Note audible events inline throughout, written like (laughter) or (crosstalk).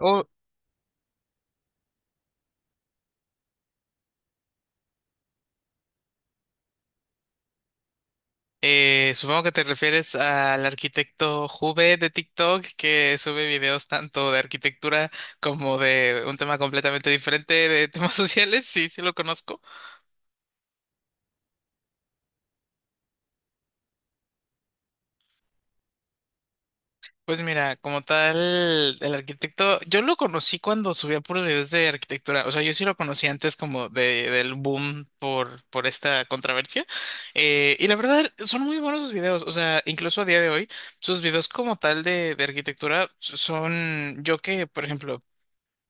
Oh, supongo que te refieres al arquitecto Jube de TikTok que sube videos tanto de arquitectura como de un tema completamente diferente de temas (laughs) sociales. Sí, sí lo conozco. Pues mira, como tal, el arquitecto, yo lo conocí cuando subía puros videos de arquitectura. O sea, yo sí lo conocí antes como del boom por esta controversia. Y la verdad, son muy buenos sus videos. O sea, incluso a día de hoy. Sus videos como tal de arquitectura son, yo que, por ejemplo,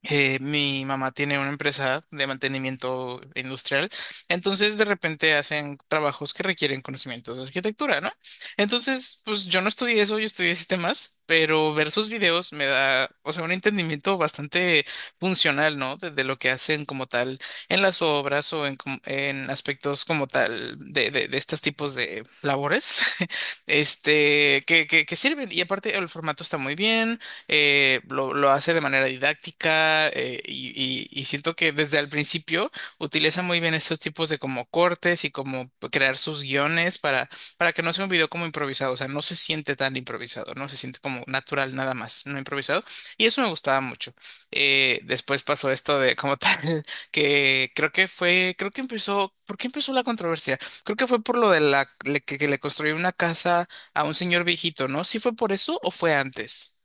Mi mamá tiene una empresa de mantenimiento industrial, entonces de repente hacen trabajos que requieren conocimientos de arquitectura, ¿no? Entonces, pues yo no estudié eso, yo estudié sistemas, pero ver sus videos me da, o sea, un entendimiento bastante funcional, ¿no? De lo que hacen como tal en las obras o en, en aspectos como tal de estos tipos de labores, (laughs) este, que sirven. Y aparte el formato está muy bien lo hace de manera didáctica y siento que desde el principio utiliza muy bien estos tipos de como cortes y como crear sus guiones para que no sea un video como improvisado, o sea, no se siente tan improvisado, no se siente como natural nada más, no improvisado. Y eso me gustaba mucho. Después pasó esto de como tal, (laughs) que creo que fue, creo que empezó, ¿por qué empezó la controversia? Creo que fue por lo de que le construyó una casa a un señor viejito, ¿no? ¿Sí fue por eso o fue antes?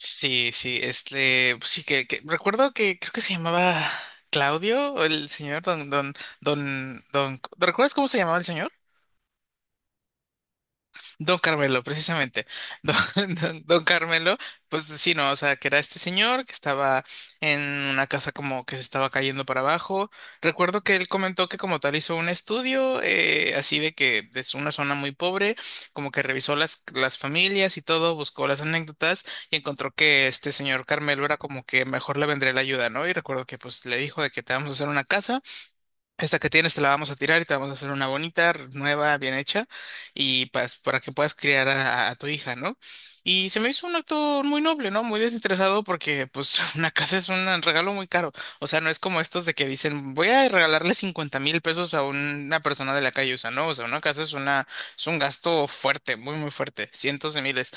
Sí, sí, este, pues sí que, recuerdo que creo que se llamaba Claudio, el señor don, ¿recuerdas cómo se llamaba el señor? Don Carmelo, precisamente. Don, (laughs) don Carmelo, pues sí, no, o sea, que era este señor que estaba en una casa como que se estaba cayendo para abajo. Recuerdo que él comentó que como tal hizo un estudio, así de que es una zona muy pobre, como que revisó las familias y todo, buscó las anécdotas y encontró que este señor Carmelo era como que mejor le vendría la ayuda, ¿no? Y recuerdo que pues le dijo de que te vamos a hacer una casa. Esta que tienes te la vamos a tirar y te vamos a hacer una bonita, nueva, bien hecha, y pues para que puedas criar a tu hija, ¿no? Y se me hizo un acto muy noble, ¿no? Muy desinteresado porque pues (laughs) una casa es un regalo muy caro. O sea, no es como estos de que dicen, voy a regalarle 50,000 pesos a una persona de la calle, o sea, no, o sea, una casa es una, es un gasto fuerte, muy, muy fuerte, cientos de miles.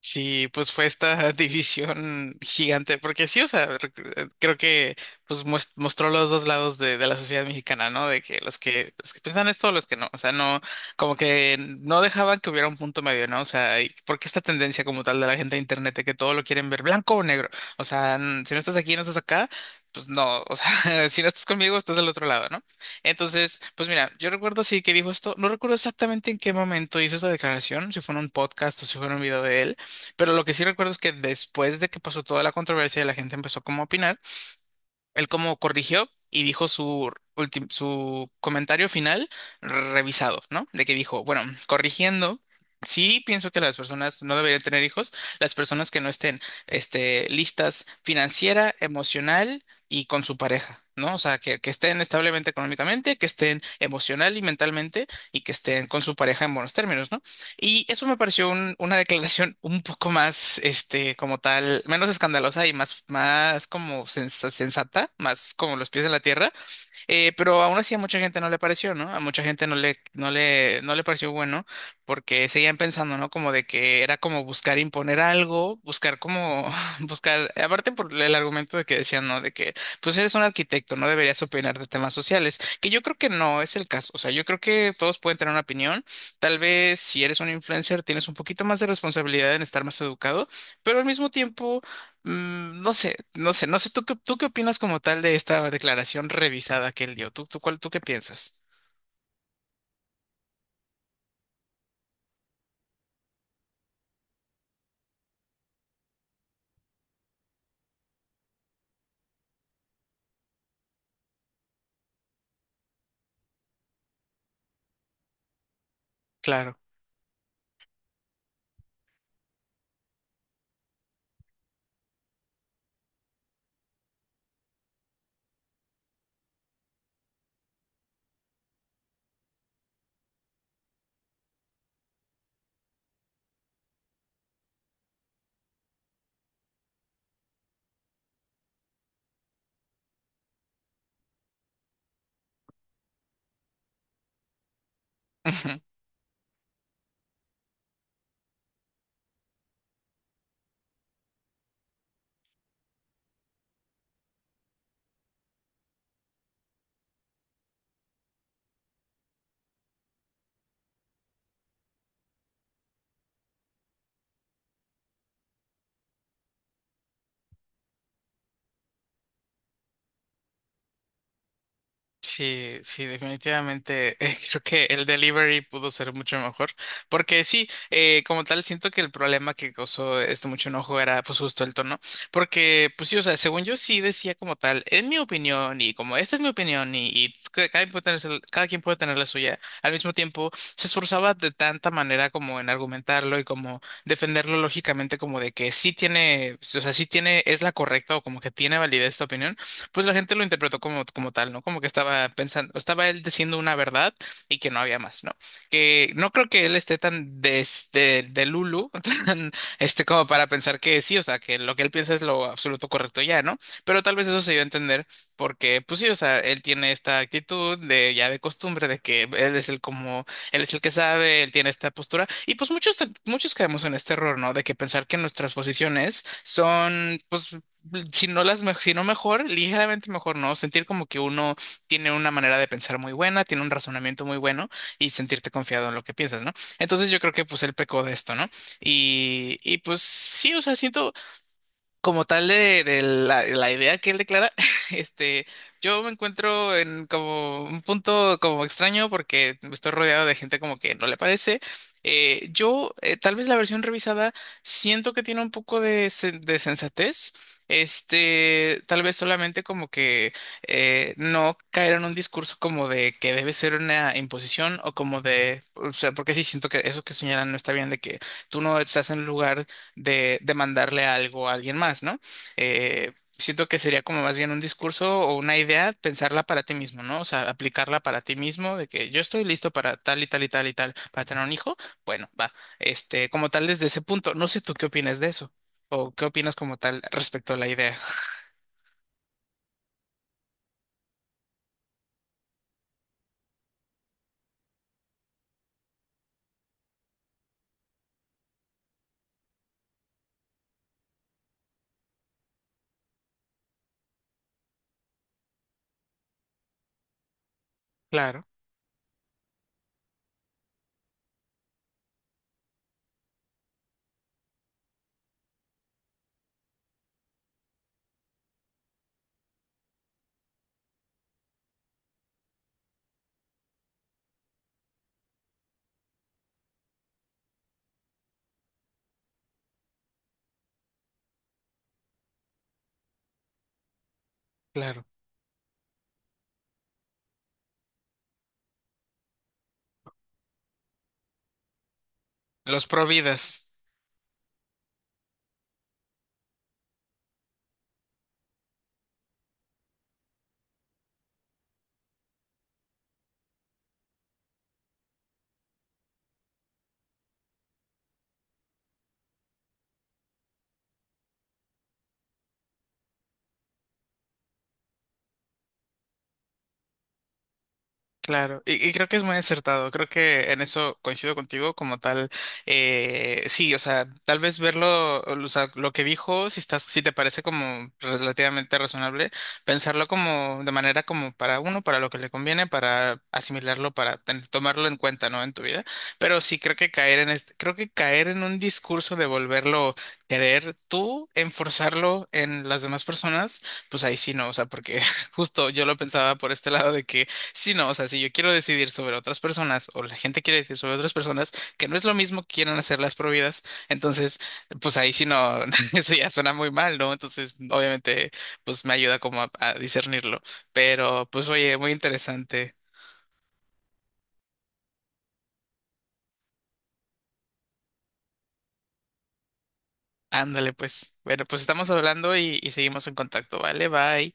Sí, pues fue esta (laughs) división gigante, porque sí, o sea, creo que pues mostró los dos lados de la sociedad mexicana, ¿no? De que los que piensan esto, los que no, o sea, no, como que no dejaban que hubiera un punto medio, ¿no? O sea, y porque esta tendencia como tal de la gente de internet de que todo lo quieren ver blanco o negro, o sea, si no estás aquí, no estás acá, pues no, o sea, (laughs) si no estás conmigo, estás del otro lado, ¿no? Entonces, pues mira, yo recuerdo sí que dijo esto, no recuerdo exactamente en qué momento hizo esa declaración, si fue en un podcast o si fue en un video de él, pero lo que sí recuerdo es que después de que pasó toda la controversia y la gente empezó como a opinar, él como corrigió y dijo su comentario final revisado, ¿no? De que dijo, bueno, corrigiendo, sí pienso que las personas no deberían tener hijos, las personas que no estén este, listas financiera, emocional y con su pareja, ¿no? O sea, que estén establemente económicamente, que estén emocional y mentalmente y que estén con su pareja en buenos términos, ¿no? Y eso me pareció una declaración un poco más, este, como tal, menos escandalosa y más, más como sensata, más como los pies en la tierra. Pero aún así a mucha gente no le pareció, ¿no? A mucha gente no le pareció bueno porque seguían pensando, ¿no? Como de que era como buscar imponer algo, buscar como, (laughs) buscar, aparte por el argumento de que decían, ¿no? De que, pues eres un arquitecto, no deberías opinar de temas sociales, que yo creo que no es el caso, o sea, yo creo que todos pueden tener una opinión, tal vez si eres un influencer tienes un poquito más de responsabilidad en estar más educado, pero al mismo tiempo no sé, no sé, no sé. Tú qué opinas como tal de esta declaración revisada que él dio? ¿Tú, tú, cuál, tú qué piensas? Claro. (laughs) Sí, sí, definitivamente. (laughs) Creo que el delivery pudo ser mucho mejor. Porque sí, como tal, siento que el problema que causó este mucho enojo era pues justo el tono. Porque, pues sí, o sea, según yo sí decía como tal, en mi opinión, y como esta es mi opinión, cada, quien puede tener, cada quien puede tener la suya, al mismo tiempo se esforzaba de tanta manera como en argumentarlo y como defenderlo lógicamente como de que sí tiene, o sea, sí tiene, es la correcta o como que tiene validez esta opinión, pues la gente lo interpretó como, como tal, ¿no? Como que estaba pensando, estaba él diciendo una verdad y que no había más, ¿no? Que no creo que él esté tan de Lulu, (laughs) tan, este, como para pensar que sí, o sea, que lo que él piensa es lo absoluto correcto ya, ¿no? Pero tal vez eso se dio a entender porque, pues sí, o sea, él tiene esta actitud de ya de costumbre de que él es el como, él es el que sabe, él tiene esta postura y pues muchos caemos en este error, ¿no? De que pensar que nuestras posiciones son, pues, si no si no mejor, ligeramente mejor, ¿no? Sentir como que uno tiene una manera de pensar muy buena, tiene un razonamiento muy bueno y sentirte confiado en lo que piensas, ¿no? Entonces yo creo que pues él pecó de esto, ¿no? Y pues sí, o sea, siento, como tal la idea que él declara, (laughs) este, yo me encuentro en como un punto como extraño porque estoy rodeado de gente como que no le parece. Tal vez la versión revisada, siento que tiene un poco de sensatez. Este, tal vez solamente como que no caer en un discurso como de que debe ser una imposición o como de, o sea, porque sí siento que eso que señalan no está bien, de que tú no estás en un lugar de mandarle algo a alguien más, ¿no? Siento que sería como más bien un discurso o una idea, pensarla para ti mismo, ¿no? O sea, aplicarla para ti mismo, de que yo estoy listo para tal y tal y tal y tal, para tener un hijo, bueno, va, este, como tal desde ese punto, no sé tú qué opinas de eso, o qué opinas como tal respecto a la idea. Claro, claro. Los providas. Claro, y creo que es muy acertado, creo que en eso coincido contigo como tal, sí, o sea, tal vez verlo, o sea, lo que dijo, si estás, si te parece como relativamente razonable, pensarlo como de manera como para uno, para lo que le conviene, para asimilarlo, para tomarlo en cuenta, ¿no? En tu vida, pero sí creo que caer en este, creo que caer en un discurso de volverlo querer tú, enforzarlo en las demás personas, pues ahí sí no, o sea, porque (laughs) justo yo lo pensaba por este lado de que sí, no, o sea, si yo quiero decidir sobre otras personas o la gente quiere decidir sobre otras personas, que no es lo mismo que quieran hacer las prohibidas, entonces, pues ahí sí no, (laughs) eso ya suena muy mal, ¿no? Entonces, obviamente, pues me ayuda como a discernirlo, pero pues oye, muy interesante. Ándale, pues. Bueno, pues estamos hablando y seguimos en contacto, ¿vale? Bye.